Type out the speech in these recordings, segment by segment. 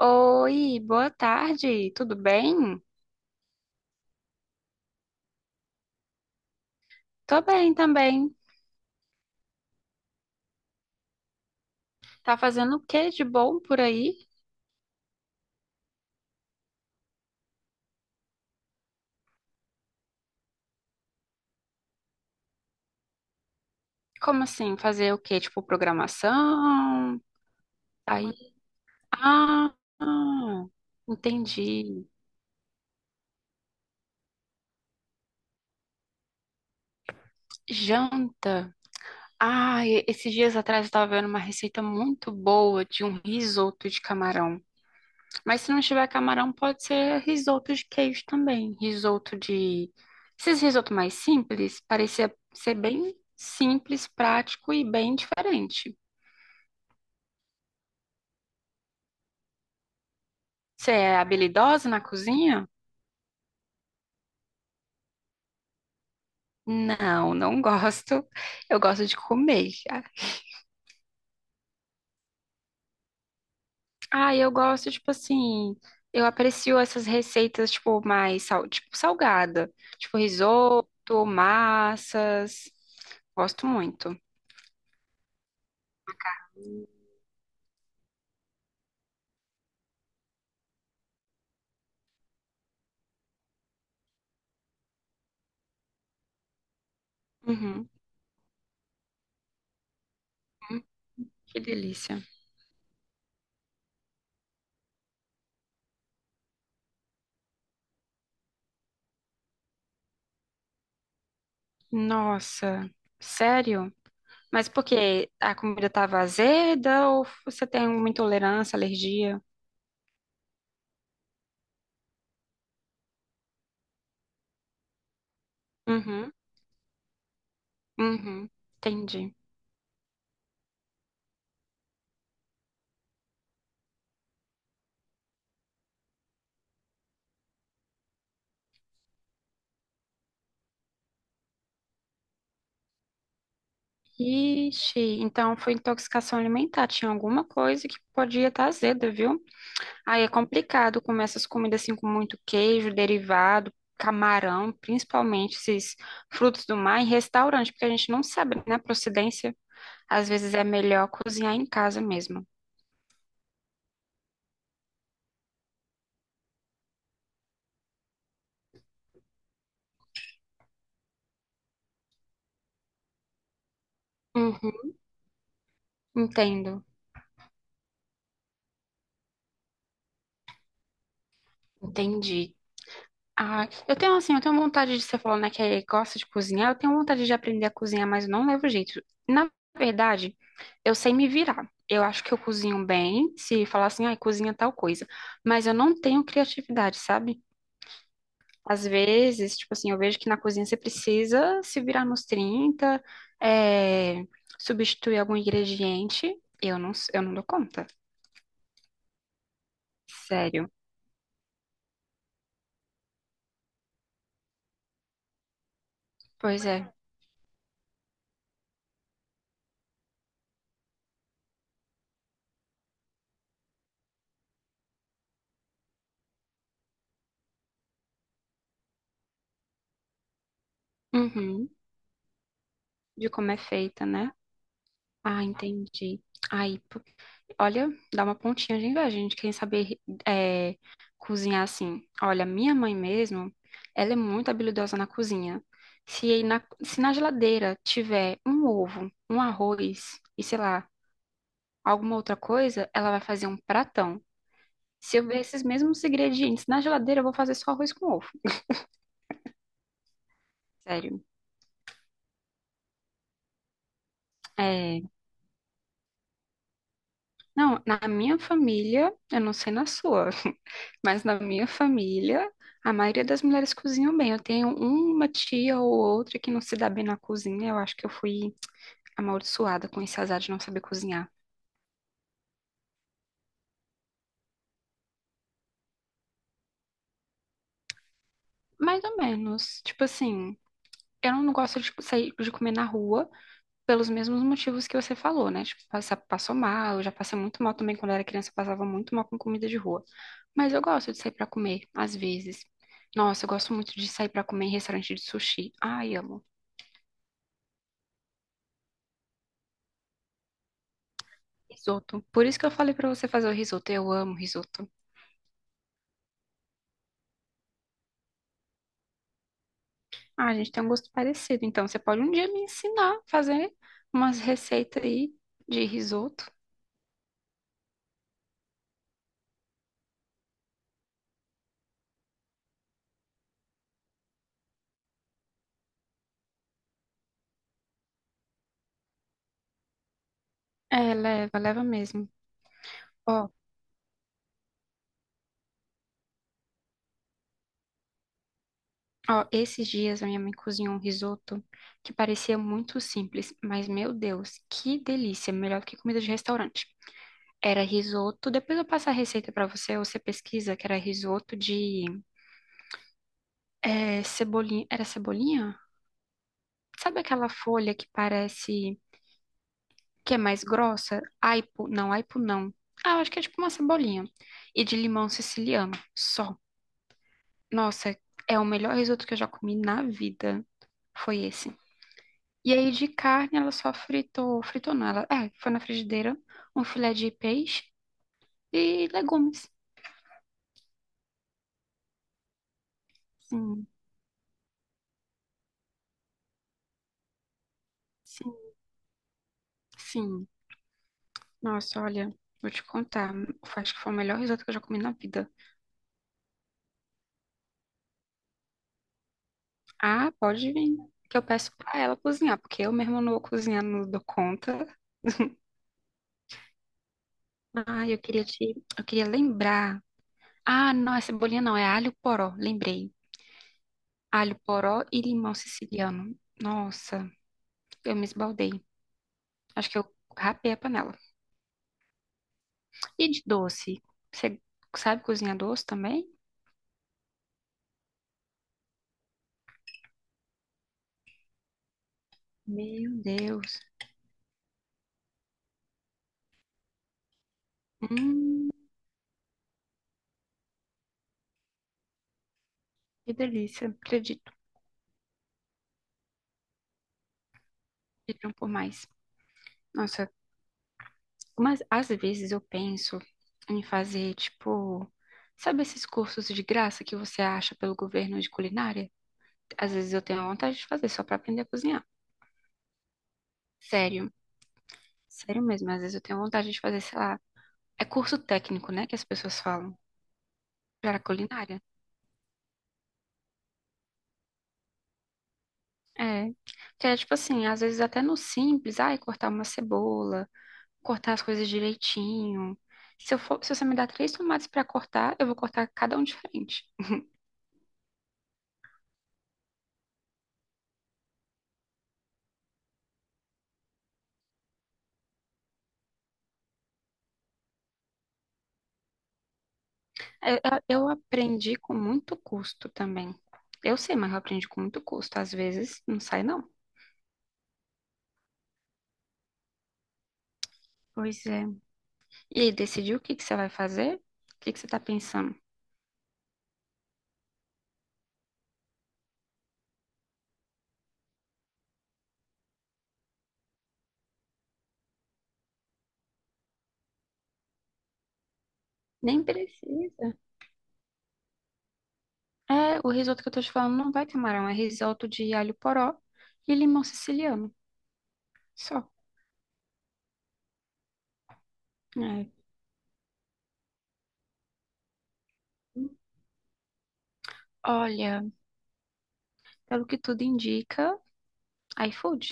Oi, boa tarde, tudo bem? Tô bem também. Tá fazendo o que de bom por aí? Como assim? Fazer o que? Tipo, programação? Aí. Ah, ah, entendi. Janta. Ah, esses dias atrás eu tava vendo uma receita muito boa de um risoto de camarão. Mas se não tiver camarão, pode ser risoto de queijo também. Risoto de. Esses risoto mais simples, parecia ser bem simples, prático e bem diferente. Você é habilidosa na cozinha? Não, não gosto. Eu gosto de comer. Ah, eu gosto, tipo assim. Eu aprecio essas receitas, tipo, tipo, salgada. Tipo, risoto, massas. Gosto muito. Uhum. Hum, que delícia. Nossa, sério? Mas por quê? A comida estava azeda ou você tem uma intolerância, alergia? Uhum, uhum, entendi. Ixi, então foi intoxicação alimentar. Tinha alguma coisa que podia estar azeda, viu? Aí é complicado comer essas comidas assim com muito queijo, derivado, camarão, principalmente esses frutos do mar em restaurante, porque a gente não sabe, né, a procedência. Às vezes é melhor cozinhar em casa mesmo. Uhum, entendo. Entendi. Ah, eu tenho assim, eu tenho vontade de você falou, né, que gosta de cozinhar, eu tenho vontade de aprender a cozinhar, mas eu não levo jeito. Na verdade, eu sei me virar. Eu acho que eu cozinho bem, se falar assim, ai, cozinha tal coisa, mas eu não tenho criatividade, sabe? Às vezes, tipo assim, eu vejo que na cozinha você precisa se virar nos 30, é, substituir algum ingrediente, eu não dou conta. Sério. Pois é. Uhum. De como é feita, né? Ah, entendi. Aí, olha, dá uma pontinha de inveja, gente, quem saber é, cozinhar assim. Olha, minha mãe mesmo, ela é muito habilidosa na cozinha. Se na geladeira tiver um ovo, um arroz e sei lá, alguma outra coisa, ela vai fazer um pratão. Se eu ver esses mesmos ingredientes na geladeira, eu vou fazer só arroz com ovo. Sério. É, não, na minha família, eu não sei na sua. Mas na minha família, a maioria das mulheres cozinham bem. Eu tenho uma tia ou outra que não se dá bem na cozinha. Eu acho que eu fui amaldiçoada com esse azar de não saber cozinhar. Mais ou menos. Tipo assim, eu não gosto de sair de comer na rua pelos mesmos motivos que você falou, né? Tipo, passou mal, eu já passei muito mal também quando eu era criança, eu passava muito mal com comida de rua. Mas eu gosto de sair pra comer, às vezes. Nossa, eu gosto muito de sair pra comer em restaurante de sushi. Ai, amo. Risoto. Por isso que eu falei pra você fazer o risoto. Eu amo risoto. Ah, a gente tem um gosto parecido. Então, você pode um dia me ensinar a fazer umas receitas aí de risoto. É, leva mesmo. Ó, ó, esses dias a minha mãe cozinhou um risoto que parecia muito simples, mas meu Deus, que delícia! Melhor que comida de restaurante. Era risoto. Depois eu passo a receita pra você, ou você pesquisa que era risoto de é, cebolinha. Era cebolinha? Sabe aquela folha que parece que é mais grossa, aipo, não, aipo não. Ah, eu acho que é tipo uma cebolinha. E de limão siciliano, só. Nossa, é o melhor risoto que eu já comi na vida. Foi esse. E aí de carne ela só fritou, fritou não, ela, é, foi na frigideira, um filé de peixe e legumes. Sim, sim, sim. Nossa, olha, vou te contar, acho que foi o melhor risoto que eu já comi na vida. Ah, pode vir, que eu peço pra ela cozinhar, porque eu mesma não vou cozinhar, não dou conta. Ah, eu queria lembrar. Ah, não, é cebolinha não, é alho poró, lembrei. Alho poró e limão siciliano. Nossa, eu me esbaldei. Acho que eu rapei a panela. E de doce? Você sabe cozinhar doce também? Meu Deus. Hum, que delícia. Acredito, pediram por mais. Nossa, mas às vezes eu penso em fazer, tipo, sabe esses cursos de graça que você acha pelo governo de culinária? Às vezes eu tenho vontade de fazer só pra aprender a cozinhar. Sério, sério mesmo. Às vezes eu tenho vontade de fazer, sei lá, é curso técnico, né, que as pessoas falam para culinária. É, que é tipo assim, às vezes até no simples, ai, cortar uma cebola, cortar as coisas direitinho. Se eu for, se você me dar três tomates pra cortar, eu vou cortar cada um diferente. É, eu aprendi com muito custo também. Eu sei, mas eu aprendi com muito custo. Às vezes não sai, não. Pois é. E aí, decidiu o que que você vai fazer? O que que você tá pensando? Nem precisa. É, o risoto que eu tô te falando não vai ter camarão, é risoto de alho poró e limão siciliano. Só. É. Olha, pelo que tudo indica, iFood.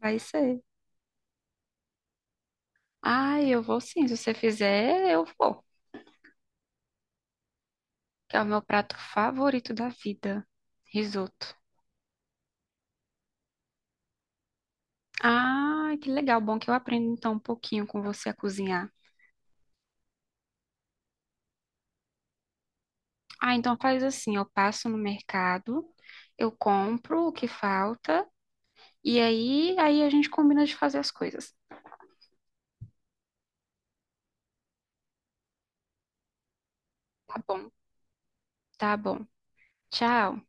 Vai ser. Ah, eu vou sim. Se você fizer, eu vou. Que é o meu prato favorito da vida. Risoto. Ah, que legal. Bom que eu aprendo então um pouquinho com você a cozinhar. Ah, então faz assim, eu passo no mercado, eu compro o que falta. E aí, a gente combina de fazer as coisas. Tá bom, tá bom. Tchau.